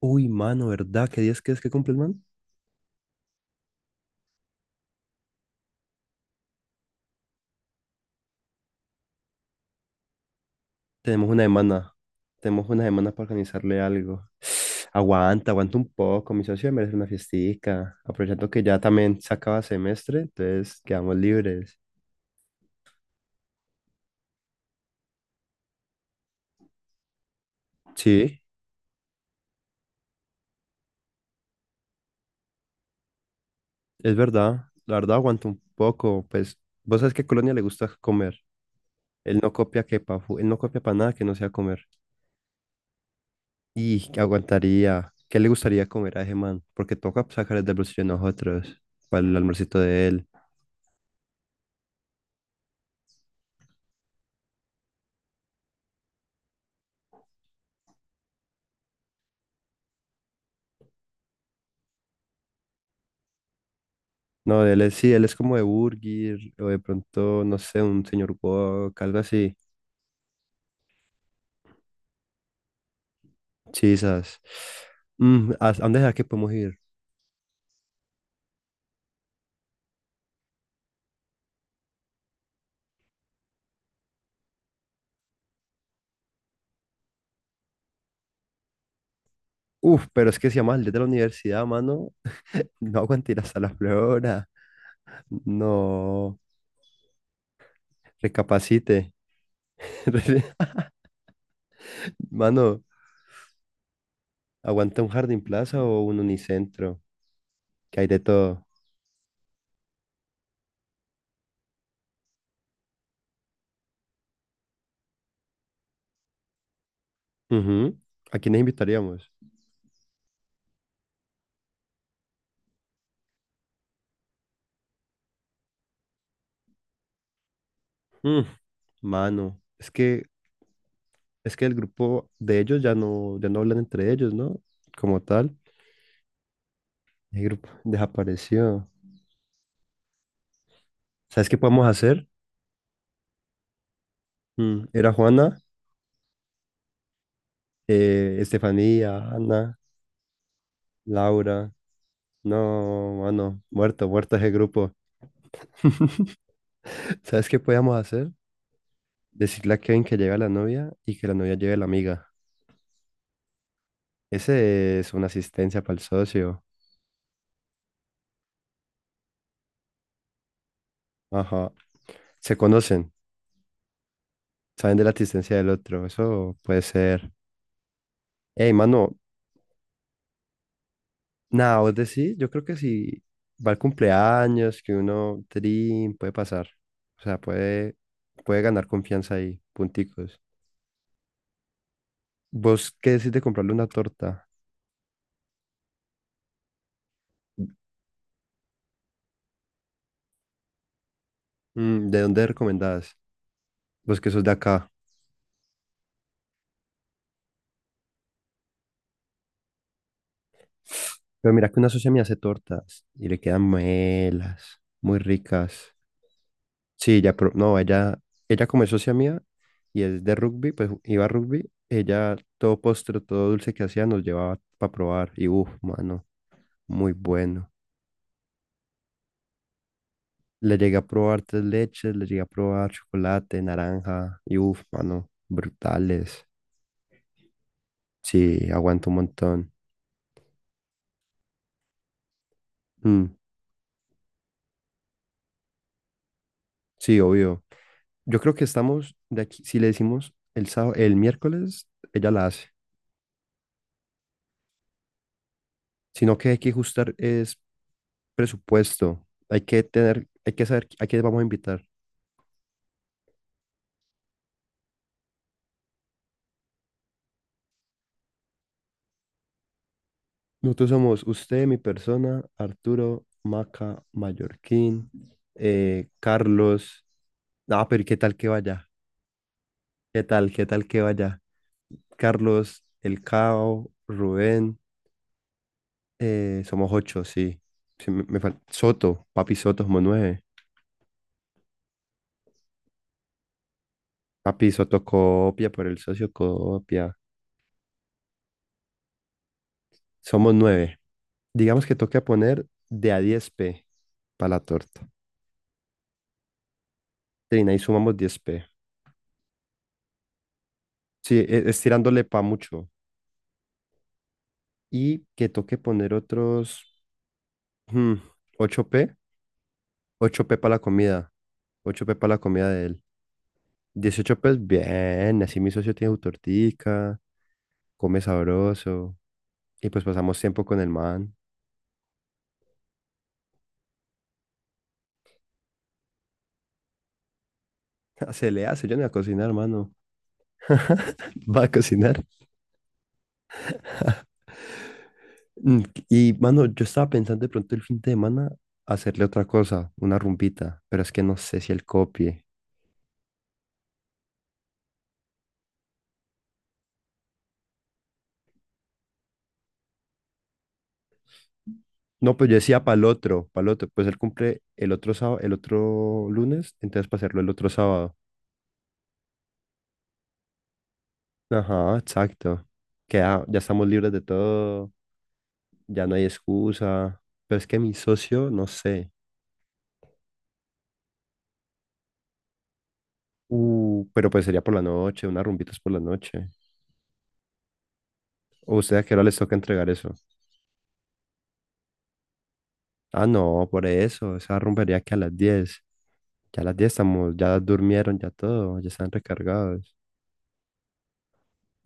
Uy, mano, ¿verdad? ¿Qué días crees que cumple el man? Tenemos una semana. Tenemos una semana para organizarle algo. Aguanta, aguanta un poco. Mi socio merece una fiestica. Aprovechando que ya también se acaba semestre, entonces quedamos libres. Sí, es verdad. La verdad, aguanta un poco. Pues, vos sabes que a Colonia le gusta comer. Él no copia que pa, él no copia para nada que no sea comer. Y que aguantaría. ¿Qué le gustaría comer a ese man? Porque toca sacar el del bolsillo de nosotros para el almuercito de él. No, él es, sí, él es como de Burger, o de pronto, no sé, un señor Wok, algo así. Chisas. ¿A dónde será que podemos ir? Uf, pero es que si llama el de la universidad, mano, no aguante ir hasta la Flora. No, recapacite. Re- Mano, aguanta un Jardín Plaza o un Unicentro, que hay de todo. Ujú. ¿A quiénes invitaríamos? Mm, mano, es que el grupo de ellos ya no hablan entre ellos, ¿no? Como tal. El grupo desapareció. ¿Sabes qué podemos hacer? Era Juana, Estefanía, Ana, Laura. No, mano, muerto, muerto ese grupo. ¿Sabes qué podíamos hacer? Decirle a Kevin que lleve a la novia y que la novia lleve a la amiga. Ese es una asistencia para el socio. Ajá. Se conocen, saben de la asistencia del otro. Eso puede ser. Ey, mano, nada, vos decís, yo creo que si va al cumpleaños, que uno trin, puede pasar. O sea, puede ganar confianza ahí, punticos. ¿Vos qué decís de comprarle una torta? ¿De dónde recomendás? Vos que sos de acá. Pero mira que una socia me hace tortas y le quedan melas, muy ricas. Sí, ya, no, ella como es socia mía y es de rugby, pues iba a rugby, ella todo postre, todo dulce que hacía nos llevaba para probar y uff, mano, muy bueno. Le llegué a probar tres leches, le llegué a probar chocolate, naranja y uff, mano, brutales. Sí, aguanto un montón. Mm, sí, obvio. Yo creo que estamos de aquí, si le decimos el sábado, el miércoles, ella la hace. Sino que hay que ajustar es presupuesto. Hay que tener, hay que saber a quién vamos a invitar. Nosotros somos usted, mi persona, Arturo, Maca, Mallorquín, Carlos. Ah, pero ¿qué tal que vaya? ¿Qué tal? ¿Qué tal que vaya? Carlos, El Cao, Rubén, somos ocho, sí. Sí, Soto, Papi Soto, somos nueve. Papi Soto copia por el socio copia. Somos nueve. Digamos que toca poner de a 10 p para la torta. Trina, ahí sumamos 10 p. Sí, es tirándole pa mucho. Y que toque poner otros hmm, 8 p. 8 p para la comida. 8 p para la comida de él. 18 p bien. Así mi socio tiene su tortica. Come sabroso y pues pasamos tiempo con el man. Se le hace, yo no voy a cocinar, mano. Va a cocinar. Mm, Y, mano, yo estaba pensando de pronto el fin de semana hacerle otra cosa, una rumbita, pero es que no sé si él copie. No, pues yo decía para el otro, pues él cumple el otro sábado, el otro lunes, entonces para hacerlo el otro sábado. Ajá, exacto. Que ya, ya estamos libres de todo, ya no hay excusa. Pero es que mi socio, no sé. Pero pues sería por la noche, unas rumbitas por la noche. ¿O usted a qué hora les toca entregar eso? Ah, no, por eso, esa rumbería que a las diez. Ya a las 10 estamos, ya durmieron, ya todo, ya están recargados.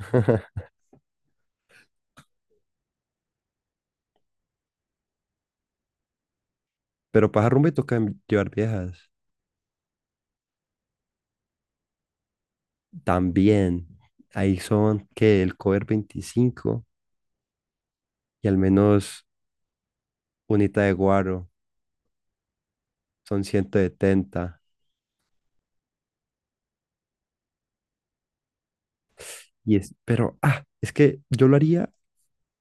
Pero para esa rumba y toca llevar viejas. También, ahí son que el cover 25 y al menos unita de guaro, son 170. Y es, pero, es que yo lo haría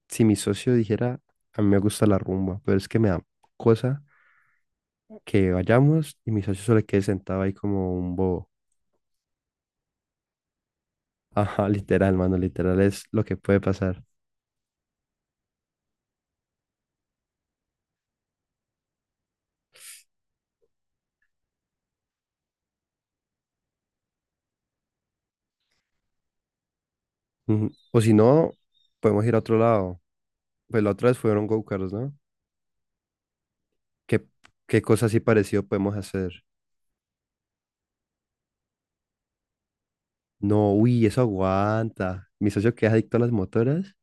si mi socio dijera, a mí me gusta la rumba, pero es que me da cosa que vayamos y mi socio solo quede sentado ahí como un bobo. Ajá, literal, mano, literal es lo que puede pasar. Ujú. O si no, podemos ir a otro lado. Pues la otra vez fueron go-karts, ¿no? ¿Qué, qué cosa así parecido podemos hacer? No, uy, eso aguanta. Mi socio que es adicto a las motoras.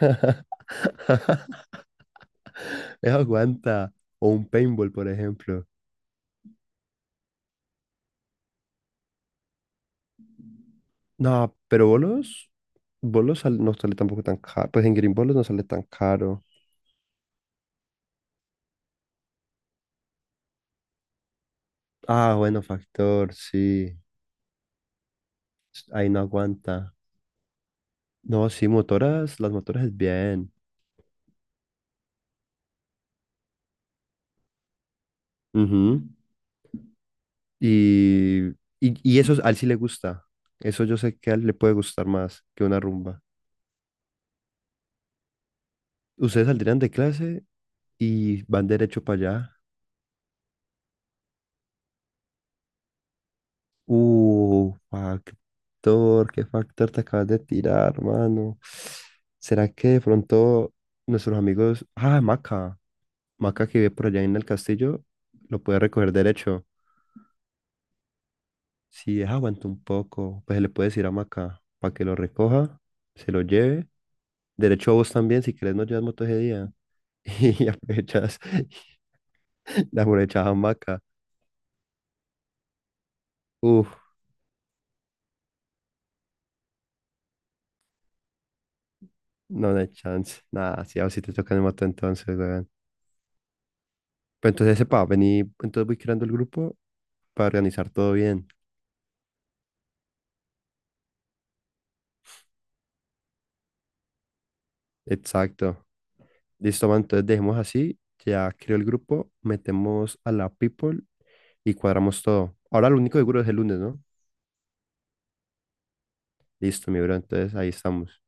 Eso aguanta. O un paintball, por ejemplo. No, pero bolos, no sale tampoco tan caro. Pues en Green Bolos no sale tan caro. Ah, bueno, factor, sí. Ahí no aguanta. No, sí, motoras, las motoras es bien. Ujú. Y, y eso a él sí le gusta. Eso yo sé que a él le puede gustar más que una rumba. Ustedes saldrían de clase y van derecho para allá. Factor, qué factor te acabas de tirar, hermano. ¿Será que de pronto nuestros amigos, Maca que vive por allá en el castillo, lo puede recoger derecho? Si es aguanta un poco, pues se le puede decir a Maca para que lo recoja, se lo lleve. Derecho a vos también, si querés no llevas moto ese día. Y aprovechas, la aprovechas a Maca. Uf, no, no hay chance. Nada, si a vos sí te toca en moto entonces, weón. Pero entonces sepa, vení, entonces voy creando el grupo para organizar todo bien. Exacto. Listo, man, entonces dejemos así. Ya creo el grupo, metemos a la people y cuadramos todo. Ahora lo único seguro es el lunes, ¿no? Listo, mi bro, entonces ahí estamos.